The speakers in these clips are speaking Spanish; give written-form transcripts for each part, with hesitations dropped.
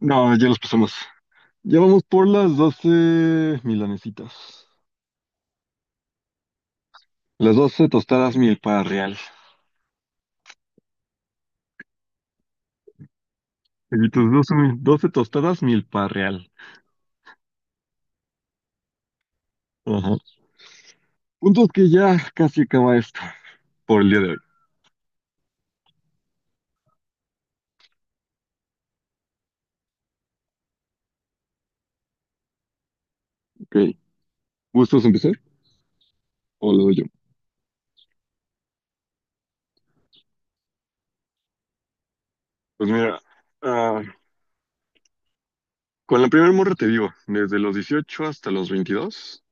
No, ya las pasamos. Ya vamos por las 12 milanesitas. Las 12 tostadas milpa real. Y tus 12, 12 tostadas milpa real. Ajá. Puntos que ya casi acaba esto por el día de hoy. Ok. ¿Gustos empezar o lo doy yo? Pues mira, ah, con la primera morra te digo, desde los 18 hasta los 22.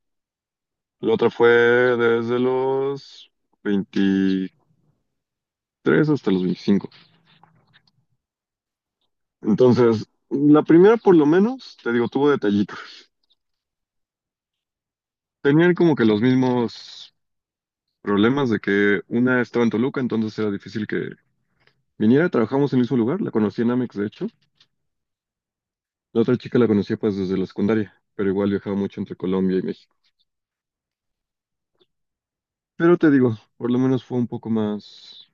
La otra fue desde los 23 hasta los 25. Entonces, la primera por lo menos, te digo, tuvo detallitos. Tenían como que los mismos problemas de que una estaba en Toluca, entonces era difícil que viniera. Trabajamos en el mismo lugar, la conocí en Amex, de hecho. La otra chica la conocía pues desde la secundaria, pero igual viajaba mucho entre Colombia y México. Pero te digo, por lo menos fue un poco más,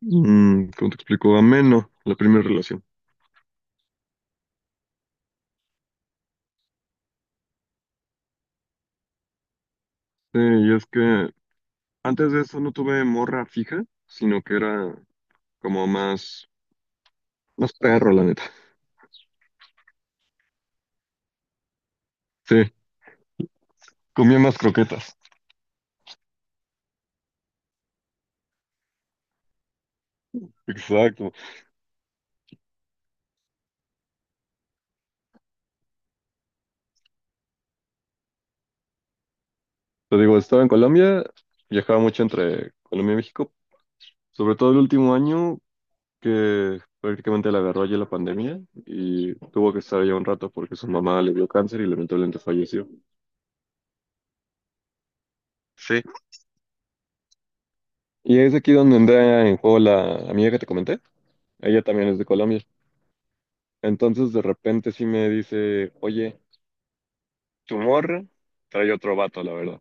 ¿cómo te explico? Ameno la primera relación. Sí, y es que antes de eso no tuve morra fija, sino que era como más, más perro, la neta. Sí, comía más croquetas. Exacto. Te digo, estaba en Colombia, viajaba mucho entre Colombia y México, sobre todo el último año que prácticamente la agarró allí la pandemia y tuvo que estar allá un rato porque su mamá le dio cáncer y lamentablemente falleció. Sí. Y es aquí donde entra en juego la amiga que te comenté. Ella también es de Colombia. Entonces de repente sí me dice, oye, tu morra trae otro vato, la verdad.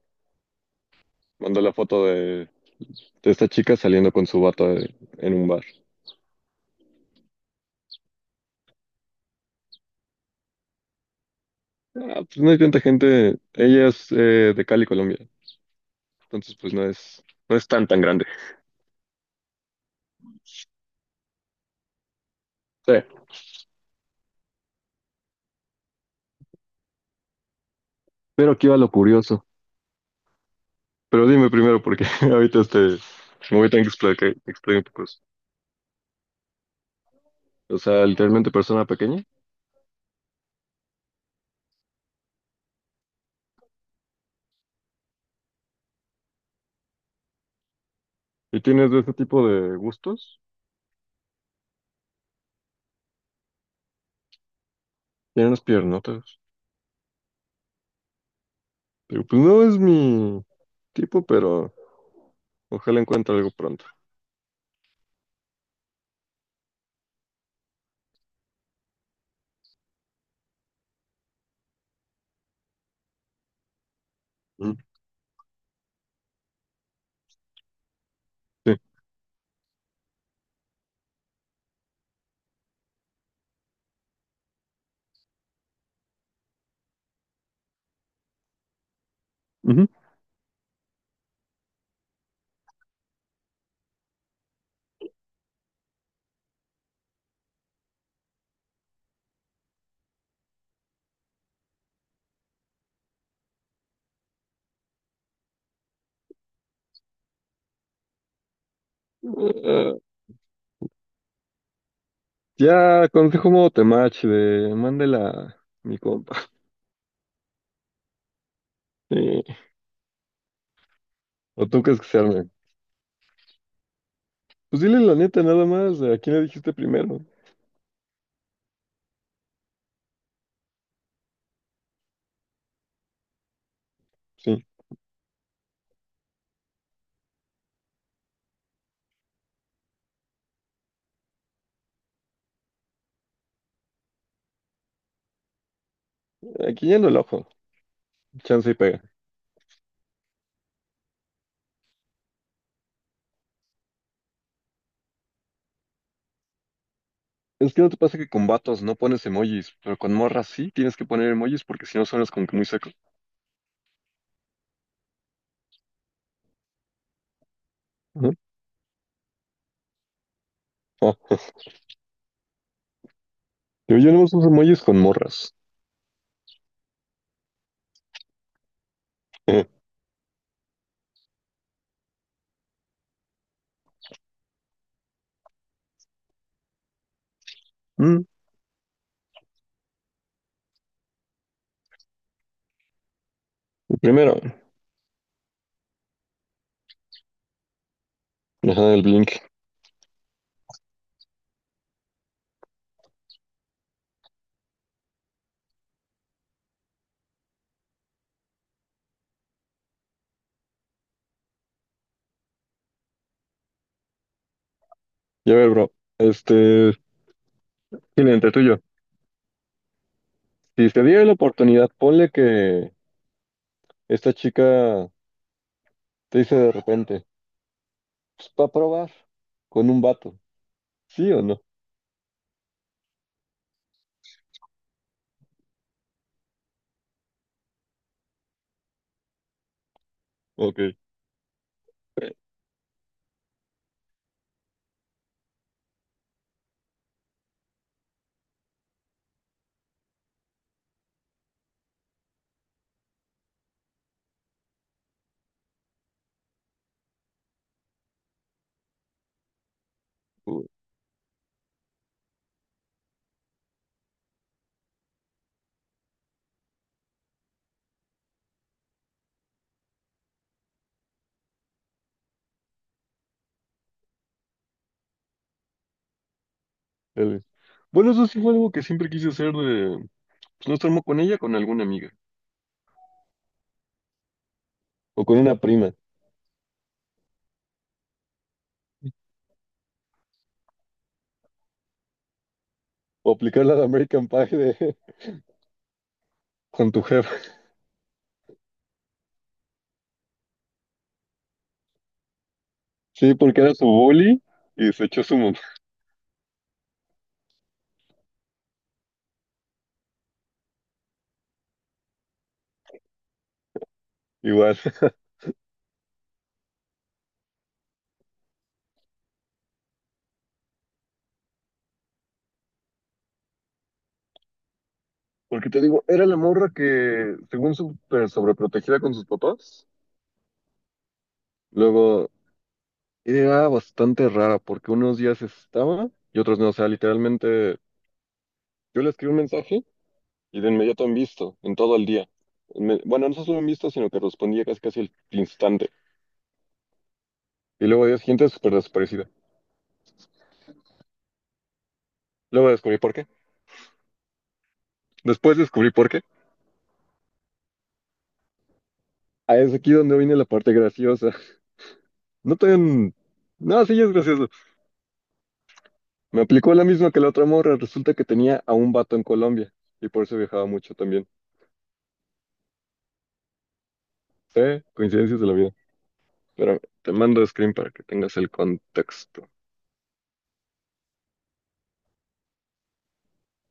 Mandó la foto de esta chica saliendo con su vato en un bar. Ah, pues no hay tanta gente. Ella es de Cali, Colombia. Entonces, pues no es tan, tan grande. Sí. Pero aquí va lo curioso. Pero dime primero, porque ahorita me voy a tener que explicar un poco eso. O sea, literalmente persona pequeña. Y tienes de ese tipo de gustos. Tiene unas piernotas. Pero pues no es mi tipo, pero ojalá encuentre algo pronto. Mm. Sí. Ujú. Eh, ya, consejo modo temach de mándela a mi compa. Sí. ¿O tú crees que se arme? Pues dile la neta nada más, ¿a quién le dijiste primero? Sí. Aquí yendo el ojo, chance y pega. ¿Es que no te pasa que con vatos no pones emojis, pero con morras sí tienes que poner emojis porque si no suenas como que muy seco? Ujú. Ah, yo no uso emojis con morras. Eh, mm, primero, ajá, el blink. Y a ver, bro, este, cliente tuyo, si te diera la oportunidad, ponle que esta chica te dice de repente, pues para probar con un vato, ¿sí o no? Ok. Uh, dale. Bueno, eso sí fue algo que siempre quise hacer de, pues no estar con ella, con alguna amiga, o con una prima, o aplicar la de American Pie de, con tu jefa. Sí, porque era su bully y se echó su mamá. Igual. Porque te digo, era la morra que, según súper sobreprotegida con sus papás, luego era bastante rara, porque unos días estaba y otros no. O sea, literalmente, yo le escribí un mensaje y de inmediato han visto, en todo el día. Bueno, no solo han visto, sino que respondía casi casi al instante. Y luego al día siguiente, súper desaparecida. Luego descubrí por qué. Después descubrí por qué. Ah, es aquí donde viene la parte graciosa. No tan... No, sí, es gracioso. Me aplicó la misma que la otra morra. Resulta que tenía a un vato en Colombia y por eso viajaba mucho también. Sí, coincidencias de la vida. Pero te mando screen para que tengas el contexto.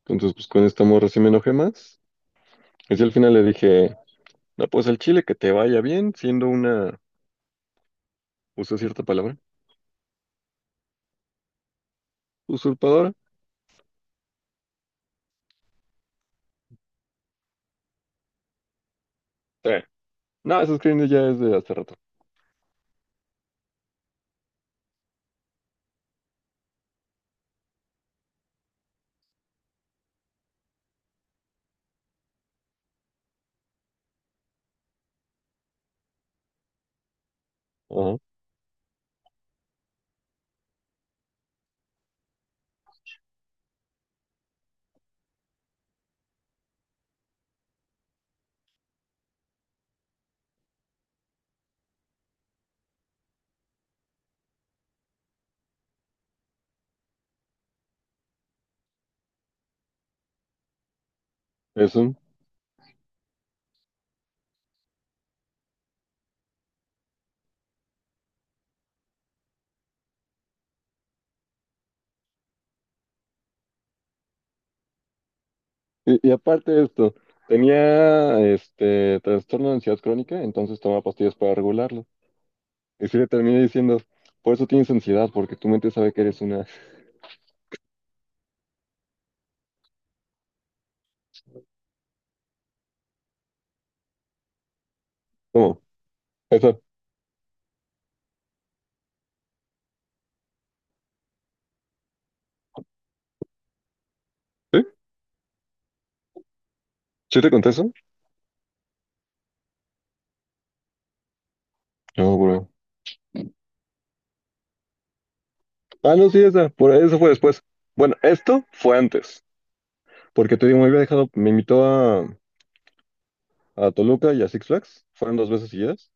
Entonces, pues con esta morra sí me enojé más. Y sí, al final le dije, no, pues al Chile que te vaya bien, siendo una, usé cierta palabra, usurpadora. Sí. No, ese screen ya es de hace rato. Ajá. Eso. Y aparte de esto, tenía este trastorno de ansiedad crónica, entonces tomaba pastillas para regularlo. Y sí le terminé diciendo, por eso tienes ansiedad, porque tu mente sabe que eres una... ¿Cómo? ¿Esa? ¿Sí? ¿Sí te conté eso? No, bro. Ah, no, sí, esa. Por eso fue después. Bueno, esto fue antes. Porque te digo, me había dejado, me invitó a Toluca y a Six Flags. Fueron dos veces seguidas.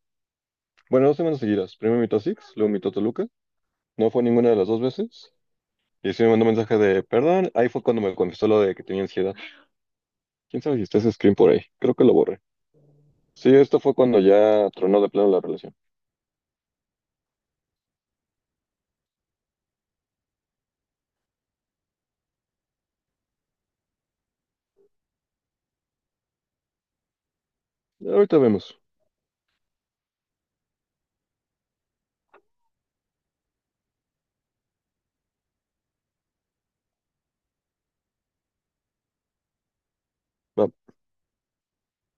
Bueno, dos semanas seguidas. Primero me invitó a Six, luego me invitó a Toluca. No fue ninguna de las dos veces. Y sí me mandó mensaje de perdón. Ahí fue cuando me confesó lo de que tenía ansiedad. Quién sabe si está ese screen por ahí. Creo que lo borré. Sí, esto fue cuando ya tronó de plano la relación. Ahorita vemos. Vamos.